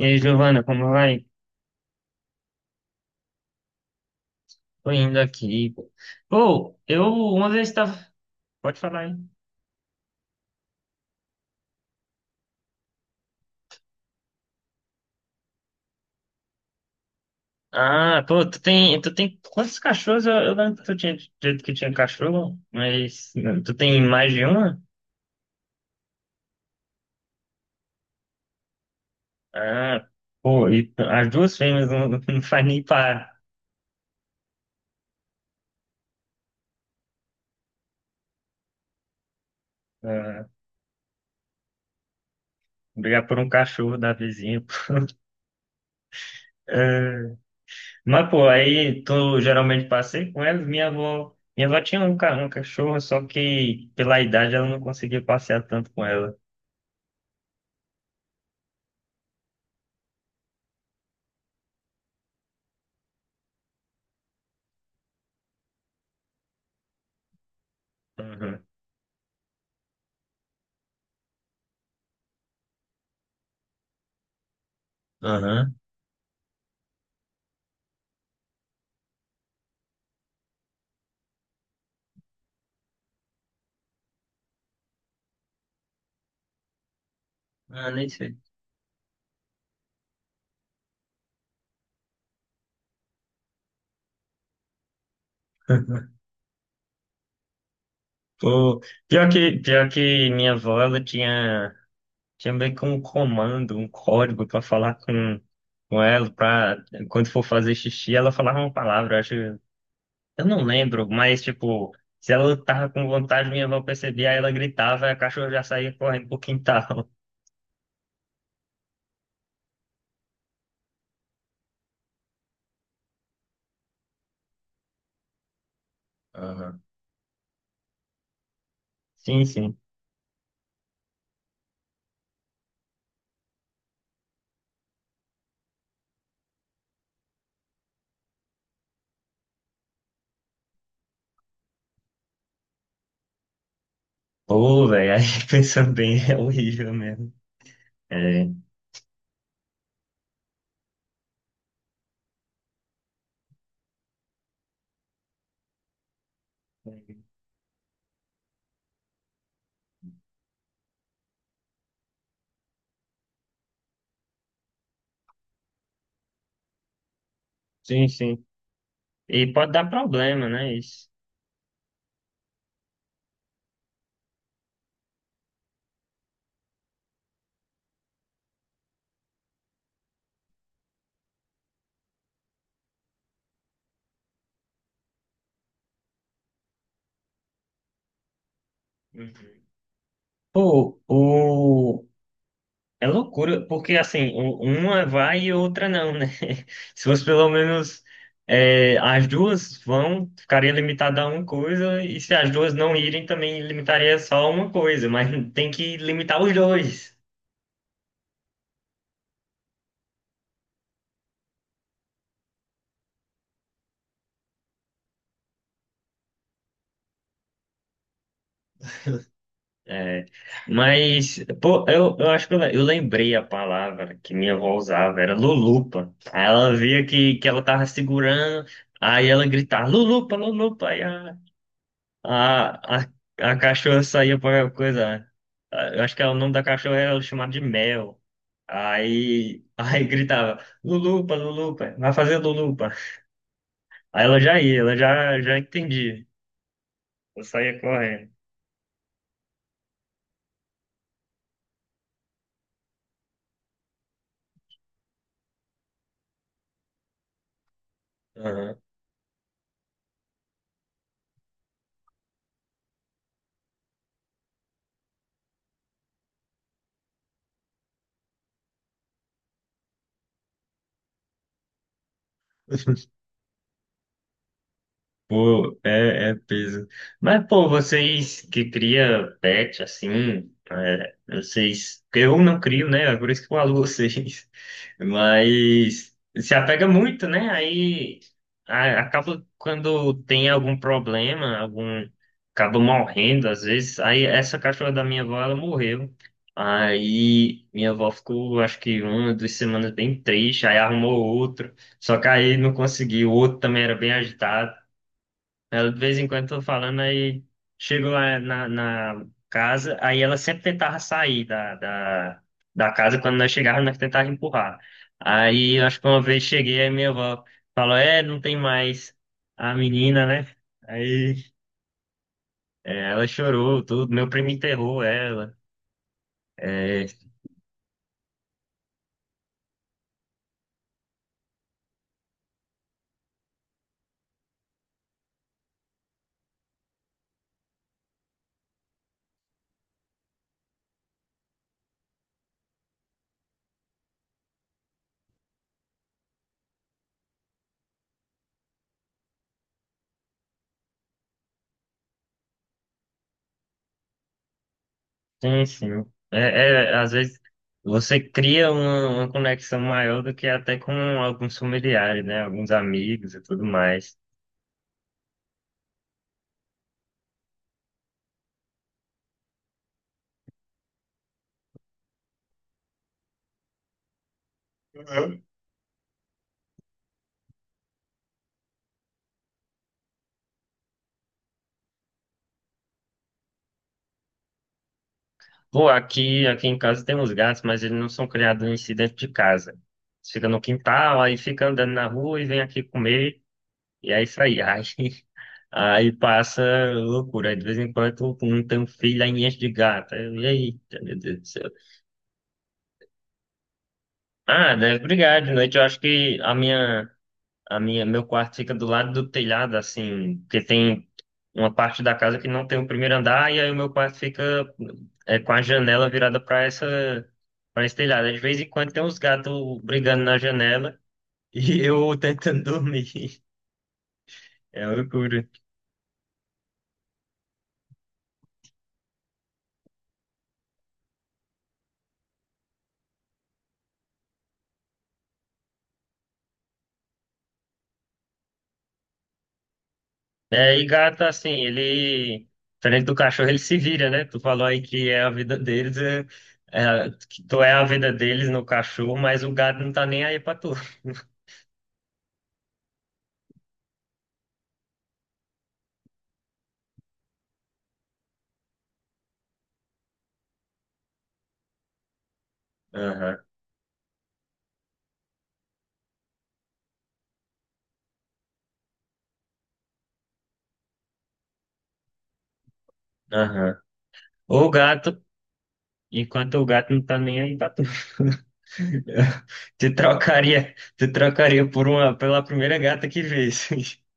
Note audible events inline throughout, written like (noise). E aí, Giovana, como vai? Tô indo aqui. Pô, eu uma vez estava. Pode falar aí. Ah, pô, tu tem quantos cachorros? Eu lembro que tu tinha dito que tinha cachorro, mas tu tem mais de uma? Ah, pô, e as duas fêmeas não, (laughs) não faz nem pra ah, brigar por um cachorro da vizinha. Pô. (laughs) É, mas, pô, aí tu geralmente passei com elas. Minha avó tinha um cachorro, só que pela idade ela não conseguia passear tanto com ela. Uhum. Aham. Ah, nem sei. (laughs) Pô, pior que minha avó, ela tinha meio que um comando, um código pra falar com ela, pra quando for fazer xixi, ela falava uma palavra, eu acho, eu não lembro, mas tipo, se ela tava com vontade, minha avó percebia, aí ela gritava, e a cachorra já saía correndo pro quintal. Aham. Sim, sim. Pô, velho, aí (laughs) pensando bem, é horrível mesmo. É. Sim, sim. E pode dar problema, né? Isso. Uhum. Pô, é loucura, porque assim, uma vai e outra não, né? (laughs) Se fosse pelo menos as duas vão, ficaria limitada a uma coisa, e se as duas não irem, também limitaria só uma coisa, mas (laughs) tem que limitar os dois. É, mas, pô, eu acho que eu lembrei a palavra que minha avó usava, era lulupa. Aí ela via que ela tava segurando, aí ela gritava, lulupa, lulupa, aí a- A, a, a cachorra saía para coisa. Eu acho que o nome da cachorra era chamado de Mel. Aí, (laughs) aí gritava, Lulupa, Lulupa, vai fazer Lulupa. Aí ela já ia, ela já entendia. Eu saía correndo. Aham. Pô, é peso. Mas, pô, vocês que cria pet, assim, vocês... porque eu não crio, né? É por isso que eu falo (laughs) vocês. Mas se apega muito, né? Aí acaba quando tem algum problema, algum... Acaba morrendo, às vezes. Aí essa cachorra da minha avó, ela morreu. Aí minha avó ficou, acho que uma, 2 semanas bem triste. Aí arrumou outro. Só que aí não conseguiu. O outro também era bem agitado. Ela, de vez em quando, tô falando, aí chego lá na casa, aí ela sempre tentava sair da casa, quando nós chegávamos, nós tentávamos empurrar. Aí, eu acho que uma vez cheguei, aí minha avó falou, é, não tem mais a menina, né? Aí ela chorou, tudo, meu primo enterrou ela. É, sim, sim. É, às vezes você cria uma conexão maior do que até com alguns familiares, né? Alguns amigos e tudo mais. Pô, aqui em casa tem uns gatos, mas eles não são criados em si dentro de casa. Eles ficam no quintal, aí fica andando na rua e vem aqui comer, e é isso aí. (laughs) Aí passa loucura. Aí, de vez em quando eu não tenho um filho, aí enche de gato. Aí, eita, meu Deus do céu. Ah, deve brigar. De noite eu acho que a minha, meu quarto fica do lado do telhado, assim, porque tem uma parte da casa que não tem o primeiro andar, e aí o meu quarto fica com a janela virada para esse telhado. De vez em quando tem uns gatos brigando na janela e (laughs) eu tentando dormir. É uma loucura. É, e gato, assim, ele, diferente do cachorro, ele se vira, né? Tu falou aí que é a vida deles, que tu é a vida deles no cachorro, mas o gato não tá nem aí pra tu. (laughs) Aham, aham. O gato Enquanto o gato não tá nem aí pra tu. (laughs) Tu trocaria por pela primeira gata que visse. (laughs)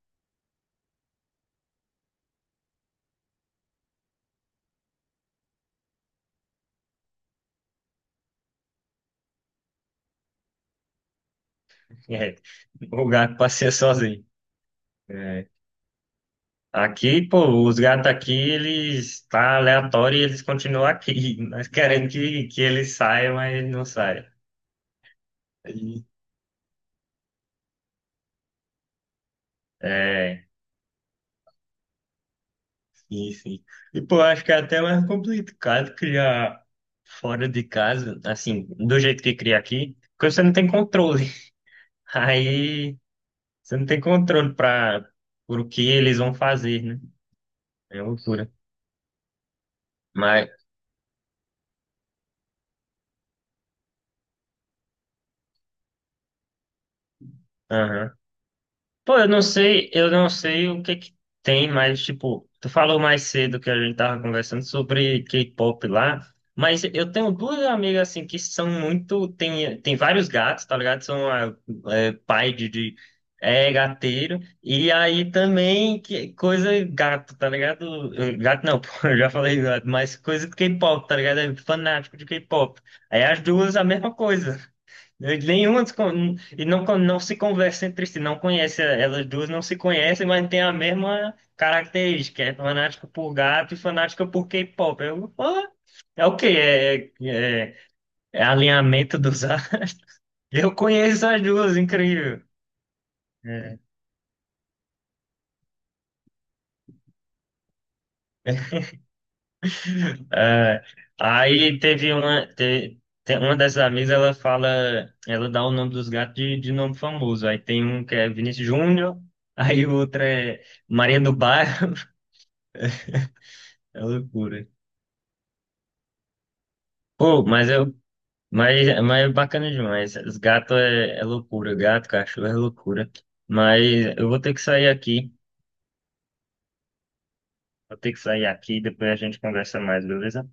É, o gato passeia sozinho. É. Aqui, pô, os gatos aqui, eles tá aleatório e eles continuam aqui. (laughs) Nós queremos que eles saiam, mas eles não saem. E- É, sim, sim. E, pô, acho que é até mais complicado criar fora de casa, assim, do jeito que cria aqui, porque você não tem controle. (laughs) Aí. Você não tem controle para por o que eles vão fazer, né? É loucura. Mas, aham. Pô, eu não sei o que que tem, mas tipo, tu falou mais cedo que a gente tava conversando sobre K-pop lá, mas eu tenho duas amigas assim que são muito, tem vários gatos, tá ligado? São é, pai de é gateiro, e aí também que coisa gato, tá ligado? Gato não, (laughs) pô, eu já falei gato, mas coisa de K-pop, tá ligado? É fanático de K-pop. Aí as duas a mesma coisa. Nenhuma se con- e não, não se conversa entre si, não conhece, elas duas não se conhecem, mas tem a mesma característica, é fanática por gato e fanática por K-pop. É o quê? É alinhamento dos astros. (laughs) Eu conheço as duas, incrível. É, é, aí teve uma dessas amigas, ela fala, ela dá o nome dos gatos de nome famoso. Aí tem um que é Vinícius Júnior, (laughs) aí o outro é Maria do Bairro. (laughs) É loucura. Pô, mas é bacana demais. Os gatos é loucura, gato, cachorro é loucura. Mas eu vou ter que sair aqui. Vou ter que sair aqui, depois a gente conversa mais, beleza?